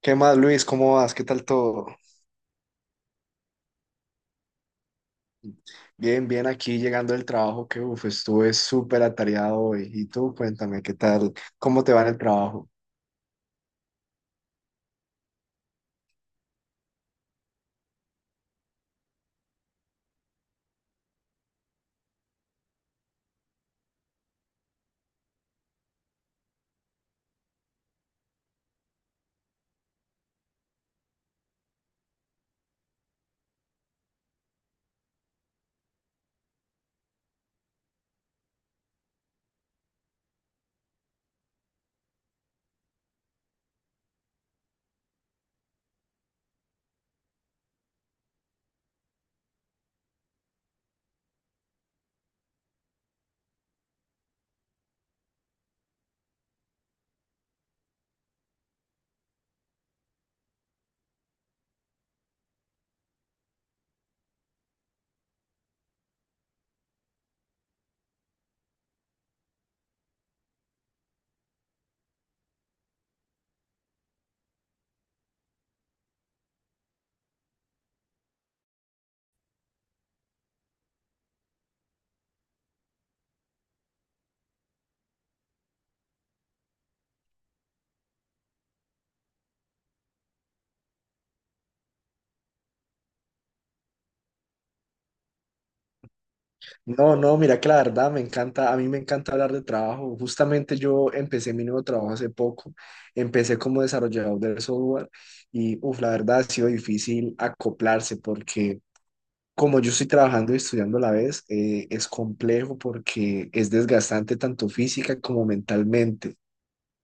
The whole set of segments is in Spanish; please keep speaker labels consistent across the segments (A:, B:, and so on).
A: ¿Qué más, Luis? ¿Cómo vas? ¿Qué tal todo? Bien, bien, aquí llegando del trabajo, que uf, estuve súper atareado hoy. Y tú, cuéntame, ¿qué tal? ¿Cómo te va en el trabajo? No, no, mira que la verdad me encanta, a mí me encanta hablar de trabajo. Justamente yo empecé mi nuevo trabajo hace poco, empecé como desarrollador de software y uf, la verdad ha sido difícil acoplarse porque como yo estoy trabajando y estudiando a la vez, es complejo porque es desgastante tanto física como mentalmente.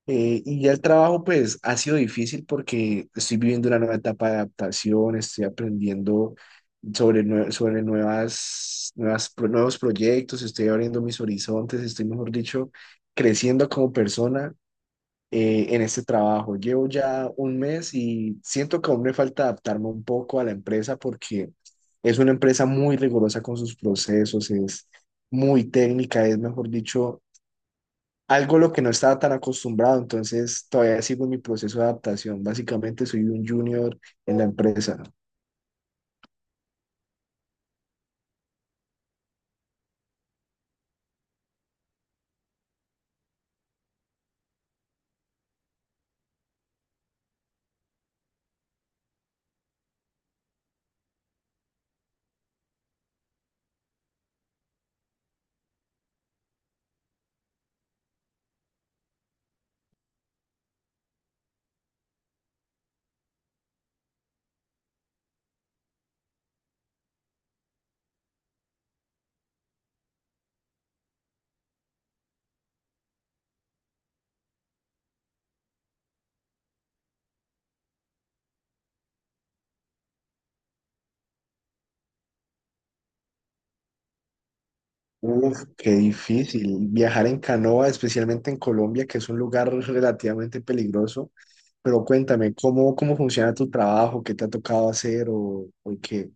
A: Y ya el trabajo, pues, ha sido difícil porque estoy viviendo una nueva etapa de adaptación, estoy aprendiendo sobre nuevas, nuevos proyectos, estoy abriendo mis horizontes, estoy, mejor dicho, creciendo como persona en este trabajo. Llevo ya un mes y siento que aún me falta adaptarme un poco a la empresa porque es una empresa muy rigurosa con sus procesos, es muy técnica, es, mejor dicho, algo a lo que no estaba tan acostumbrado, entonces todavía sigo en mi proceso de adaptación. Básicamente soy un junior en la empresa. Uf, qué difícil. Viajar en canoa, especialmente en Colombia, que es un lugar relativamente peligroso. Pero cuéntame, ¿cómo funciona tu trabajo? ¿Qué te ha tocado hacer o qué?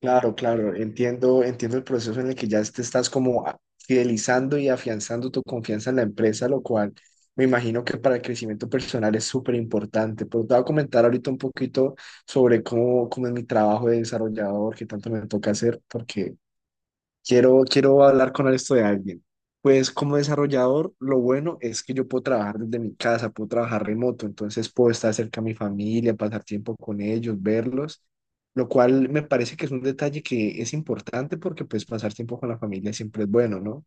A: Claro, claro, entiendo, entiendo el proceso en el que ya te estás como fidelizando y afianzando tu confianza en la empresa, lo cual me imagino que para el crecimiento personal es súper importante. Pero te voy a comentar ahorita un poquito sobre cómo es mi trabajo de desarrollador, que tanto me toca hacer, porque quiero, quiero hablar con esto de alguien. Pues como desarrollador, lo bueno es que yo puedo trabajar desde mi casa, puedo trabajar remoto, entonces puedo estar cerca a mi familia, pasar tiempo con ellos, verlos, lo cual me parece que es un detalle que es importante porque pues pasar tiempo con la familia siempre es bueno, ¿no?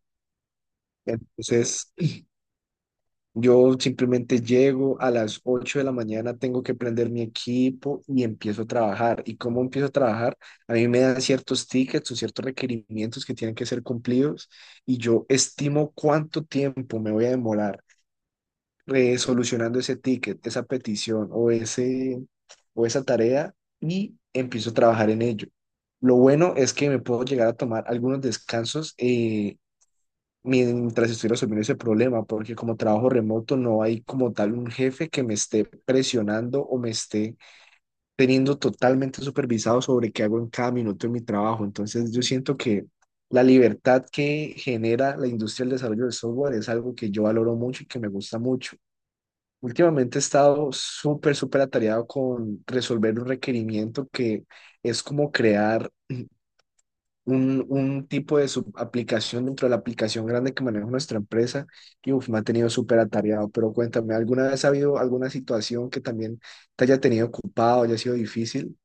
A: Entonces, yo simplemente llego a las 8:00 de la mañana, tengo que prender mi equipo y empiezo a trabajar. ¿Y cómo empiezo a trabajar? A mí me dan ciertos tickets o ciertos requerimientos que tienen que ser cumplidos y yo estimo cuánto tiempo me voy a demorar solucionando ese ticket, esa petición o esa tarea, y empiezo a trabajar en ello. Lo bueno es que me puedo llegar a tomar algunos descansos mientras estoy resolviendo ese problema, porque como trabajo remoto no hay como tal un jefe que me esté presionando o me esté teniendo totalmente supervisado sobre qué hago en cada minuto de mi trabajo. Entonces yo siento que la libertad que genera la industria del desarrollo de software es algo que yo valoro mucho y que me gusta mucho. Últimamente he estado súper, súper atareado con resolver un requerimiento que es como crear un tipo de subaplicación dentro de la aplicación grande que maneja nuestra empresa y uf, me ha tenido súper atareado. Pero cuéntame, ¿alguna vez ha habido alguna situación que también te haya tenido ocupado, haya sido difícil?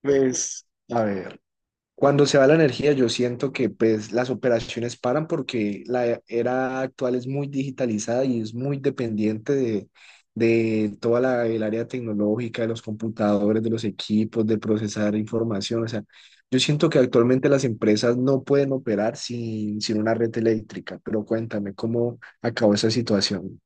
A: Pues, a ver. Cuando se va la energía, yo siento que pues las operaciones paran porque la era actual es muy digitalizada y es muy dependiente de toda la, el área tecnológica, de los computadores, de los equipos, de procesar información. O sea, yo siento que actualmente las empresas no pueden operar sin una red eléctrica, pero cuéntame cómo acabó esa situación.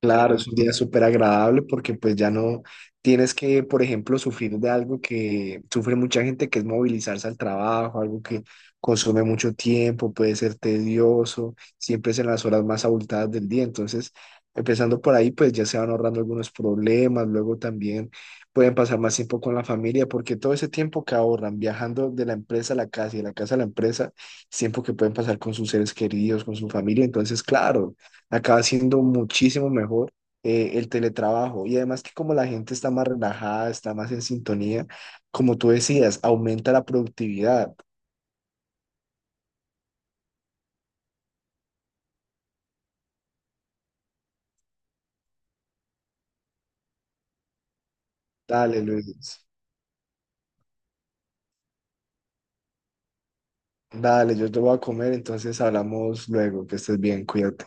A: Claro, es un día súper agradable porque pues ya no tienes que, por ejemplo, sufrir de algo que sufre mucha gente, que es movilizarse al trabajo, algo que consume mucho tiempo, puede ser tedioso, siempre es en las horas más abultadas del día. Entonces, empezando por ahí, pues ya se van ahorrando algunos problemas, luego también pueden pasar más tiempo con la familia, porque todo ese tiempo que ahorran viajando de la empresa a la casa y de la casa a la empresa, es tiempo que pueden pasar con sus seres queridos, con su familia. Entonces, claro, acaba siendo muchísimo mejor el teletrabajo. Y además que como la gente está más relajada, está más en sintonía, como tú decías, aumenta la productividad. Dale, Luis. Dale, yo te voy a comer, entonces hablamos luego, que estés bien, cuídate.